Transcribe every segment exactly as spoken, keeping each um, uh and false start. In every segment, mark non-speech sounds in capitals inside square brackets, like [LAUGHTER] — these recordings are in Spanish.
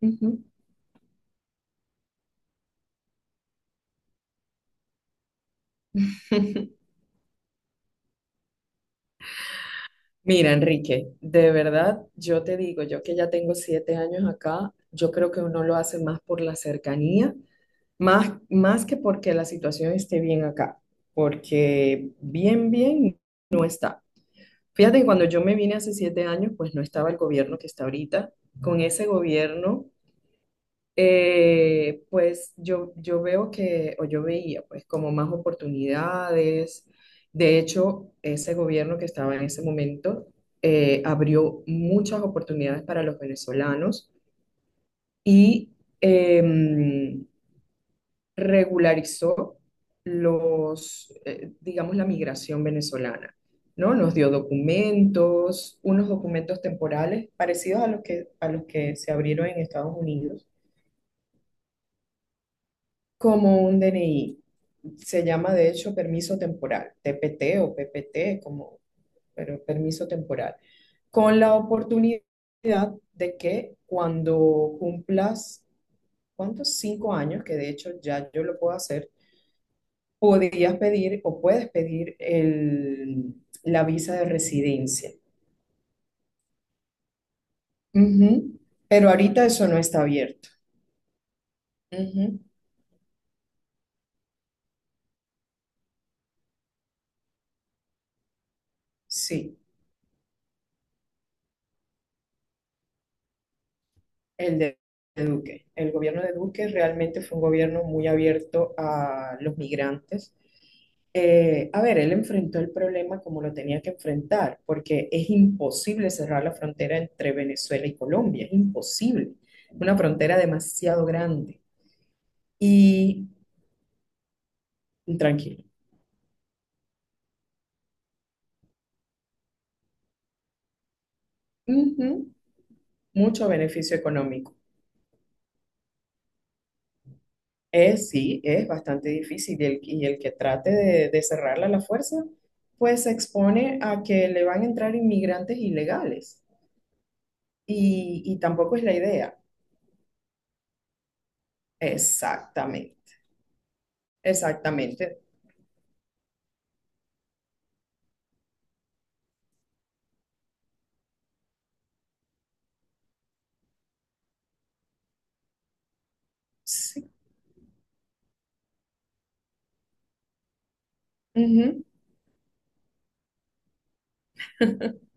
Ujú. [LAUGHS] Mira, Enrique, de verdad, yo te digo, yo que ya tengo siete años acá, yo creo que uno lo hace más por la cercanía, más, más que porque la situación esté bien acá, porque bien, bien, fíjate que cuando yo me vine hace siete años, pues no estaba el gobierno que está ahorita, con ese gobierno. Eh, pues yo, yo veo que, o yo veía, pues como más oportunidades. De hecho, ese gobierno que estaba en ese momento eh, abrió muchas oportunidades para los venezolanos y em, regularizó los, eh, digamos, la migración venezolana, ¿no? Nos dio documentos, unos documentos temporales parecidos a los que, a los que se abrieron en Estados Unidos como un D N I. Se llama de hecho permiso temporal, T P T o P P T, como, pero permiso temporal, con la oportunidad de que cuando cumplas, ¿cuántos? Cinco años, que de hecho ya yo lo puedo hacer, podrías pedir o puedes pedir el, la visa de residencia. Ujú. Pero ahorita eso no está abierto. Ujú. Sí. El de Duque. El gobierno de Duque realmente fue un gobierno muy abierto a los migrantes. Eh, a ver, él enfrentó el problema como lo tenía que enfrentar, porque es imposible cerrar la frontera entre Venezuela y Colombia, es imposible. Una frontera demasiado grande y tranquilo. Ujú. Mucho beneficio económico. Es, sí, es bastante difícil y el, y el que trate de, de cerrarla a la fuerza, pues se expone a que le van a entrar inmigrantes ilegales y, y tampoco es la idea. Exactamente, exactamente. Sí. Ujú. [LAUGHS]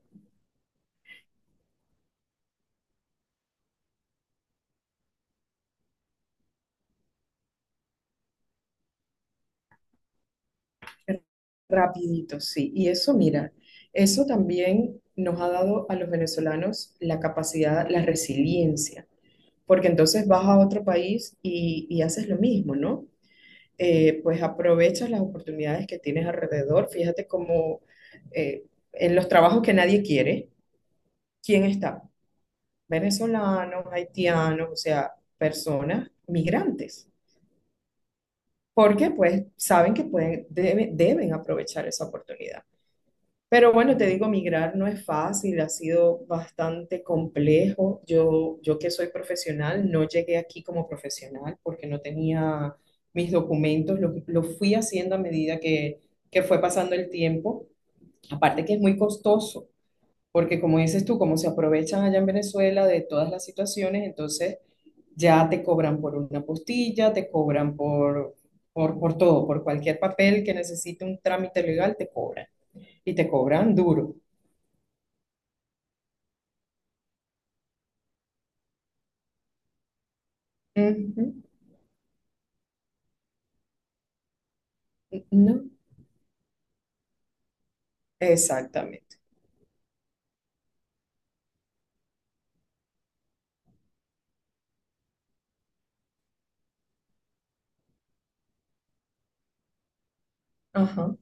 Rapidito, sí. Y eso, mira, eso también nos ha dado a los venezolanos la capacidad, la resiliencia, porque entonces vas a otro país y, y haces lo mismo, ¿no? eh, pues aprovechas las oportunidades que tienes alrededor. Fíjate cómo eh, en los trabajos que nadie quiere, ¿quién está? Venezolanos, haitianos, o sea, personas migrantes. Porque pues saben que pueden, debe- deben aprovechar esa oportunidad. Pero bueno, te digo, migrar no es fácil, ha sido bastante complejo. Yo, yo que soy profesional, no llegué aquí como profesional porque no tenía mis documentos, lo, lo fui haciendo a medida que, que fue pasando el tiempo. Aparte que es muy costoso, porque como dices tú, como se aprovechan allá en Venezuela de todas las situaciones, entonces ya te cobran por una postilla, te cobran por, por, por todo, por cualquier papel que necesite un trámite legal, te cobran y te cobran duro. Ujú. No, exactamente. Ajá.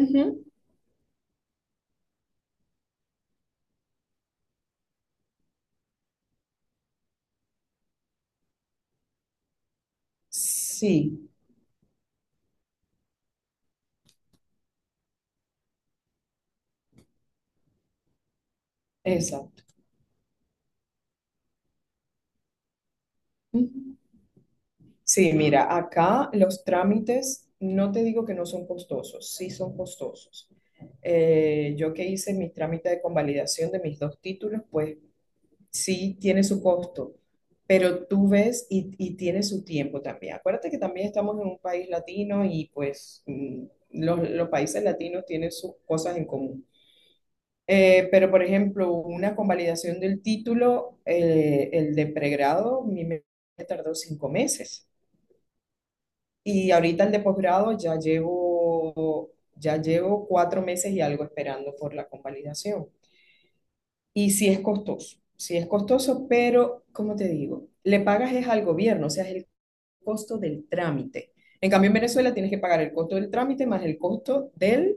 Ujú. Sí, exacto. Ujú. Sí, mira, acá los trámites, no te digo que no son costosos, sí son costosos. Eh, yo que hice mi trámite de convalidación de mis dos títulos, pues sí tiene su costo, pero tú ves y, y tiene su tiempo también. Acuérdate que también estamos en un país latino y pues mm, los, los países latinos tienen sus cosas en común. Eh, pero, por ejemplo, una convalidación del título, eh, el de pregrado, a mí me tardó cinco meses. Y ahorita el de posgrado ya llevo, ya llevo cuatro meses y algo esperando por la convalidación. Y sí es costoso, sí es costoso, pero, como te digo, le pagas es al gobierno, o sea, es el costo del trámite. En cambio, en Venezuela tienes que pagar el costo del trámite más el costo del,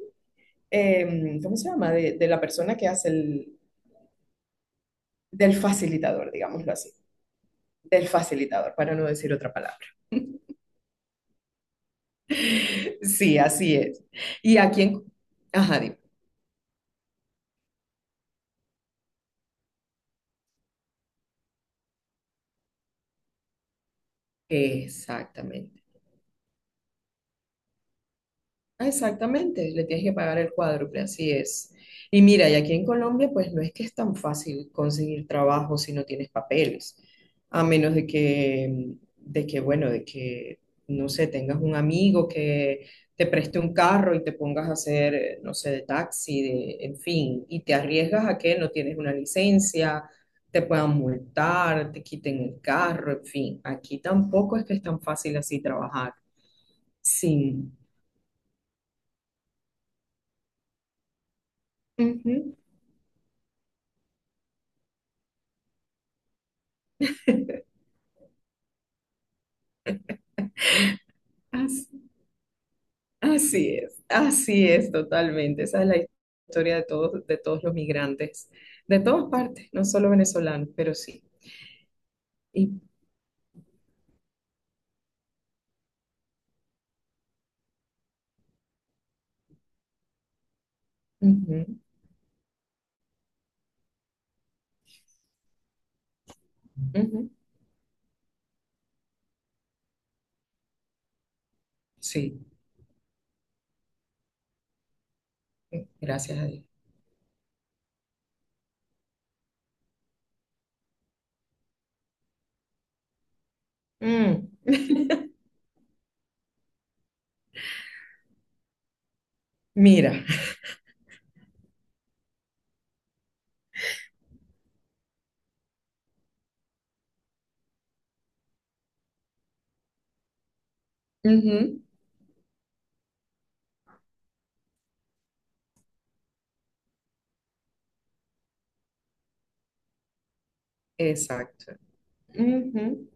em, ¿cómo se llama? De, de la persona que hace el, del facilitador, digámoslo así. Del facilitador, para no decir otra palabra. [LAUGHS] Sí, así es. Y a quién, ajá, dime. Exactamente. Ah, exactamente, le tienes que pagar el cuádruple, así es. Y mira, y aquí en Colombia, pues no es que es tan fácil conseguir trabajo si no tienes papeles, a menos de que, de que, bueno, de que, no sé, tengas un amigo que te preste un carro y te pongas a hacer, eh, no sé, de taxi, de, en fin, y te arriesgas a que no tienes una licencia, te puedan multar, te quiten el carro, en fin, aquí tampoco es que es tan fácil así trabajar. Sí. Ujú. Así es, así es totalmente. Esa es la historia de todos, de todos los migrantes, de todas partes, no solo venezolanos, pero sí. Y, ujú, ujú, sí, gracias a Dios. Mm, mira, [LAUGHS] ujú, exacto. Ujú.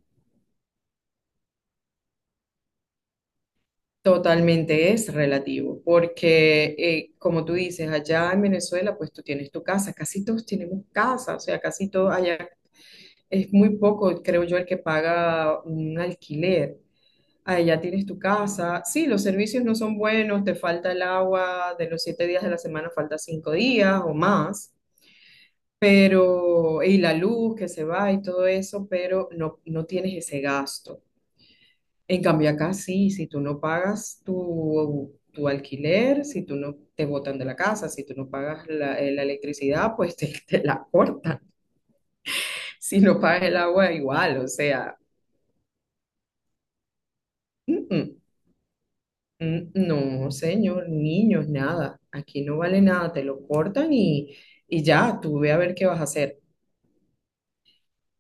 Totalmente es relativo, porque eh, como tú dices, allá en Venezuela, pues tú tienes tu casa, casi todos tenemos casa, o sea, casi todos allá, es muy poco, creo yo, el que paga un alquiler. Ahí ya tienes tu casa. Sí, los servicios no son buenos, te falta el agua, de los siete días de la semana falta cinco días o más, pero, y la luz que se va y todo eso, pero no, no tienes ese gasto. En cambio, acá sí, si tú no pagas tu, tu alquiler, si tú no te botan de la casa, si tú no pagas la, eh, la electricidad, pues [LAUGHS] te, te la cortan. Si no pagas el agua, igual, o sea. Mm, mm. Mm, no, señor, niños, nada. Aquí no vale nada, te lo cortan y, y ya, tú ve a ver qué vas a hacer.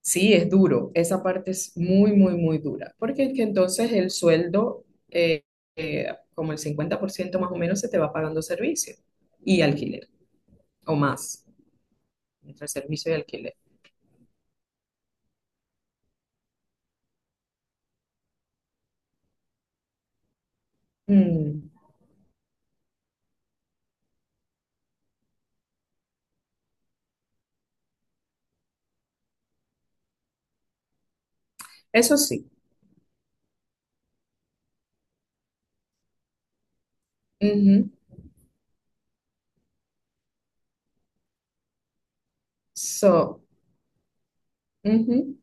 Sí, es duro, esa parte es muy, muy, muy dura, porque es que entonces el sueldo, eh, eh, como el cincuenta por ciento más o menos, se te va pagando servicio y alquiler, o más, entre servicio y alquiler. Mm, eso sí. Ujú. So, ujú.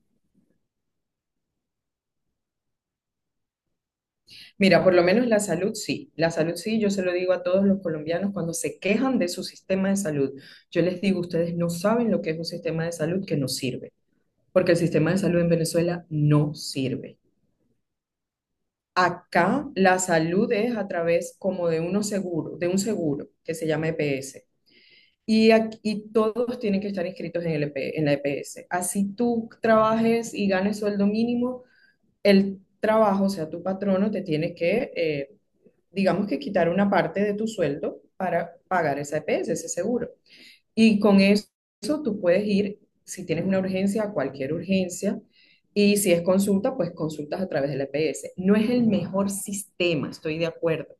Mira, por lo menos la salud sí, la salud sí, yo se lo digo a todos los colombianos cuando se quejan de su sistema de salud. Yo les digo, ustedes no saben lo que es un sistema de salud que no sirve, porque el sistema de salud en Venezuela no sirve. Acá la salud es a través como de unos seguros, de un seguro que se llama E P S. Y aquí todos tienen que estar inscritos en el EP en la E P S. Así tú trabajes y ganes sueldo mínimo, el trabajo, o sea, tu patrono te tiene que eh, digamos que quitar una parte de tu sueldo para pagar esa E P S, ese seguro. Y con eso tú puedes ir, si tienes una urgencia, a cualquier urgencia. Y si es consulta, pues consultas a través de la E P S. No es el mejor sistema, estoy de acuerdo,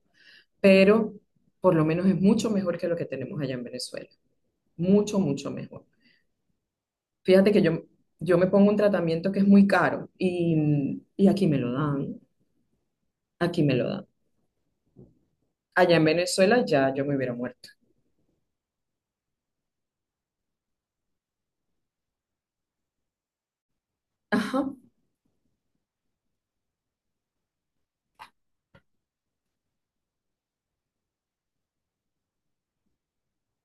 pero por lo menos es mucho mejor que lo que tenemos allá en Venezuela. Mucho, mucho mejor. Fíjate que yo, yo me pongo un tratamiento que es muy caro y, y aquí me lo dan, aquí me lo dan. Allá en Venezuela ya yo me hubiera muerto. Ajá.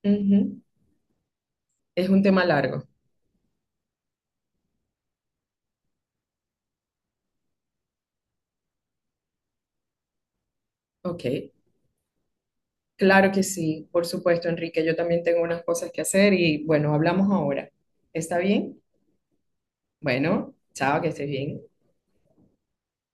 Ujú. Es un tema largo. Ok, claro que sí, por supuesto, Enrique. Yo también tengo unas cosas que hacer y bueno, hablamos ahora. ¿Está bien? Bueno, chao, que estés bien.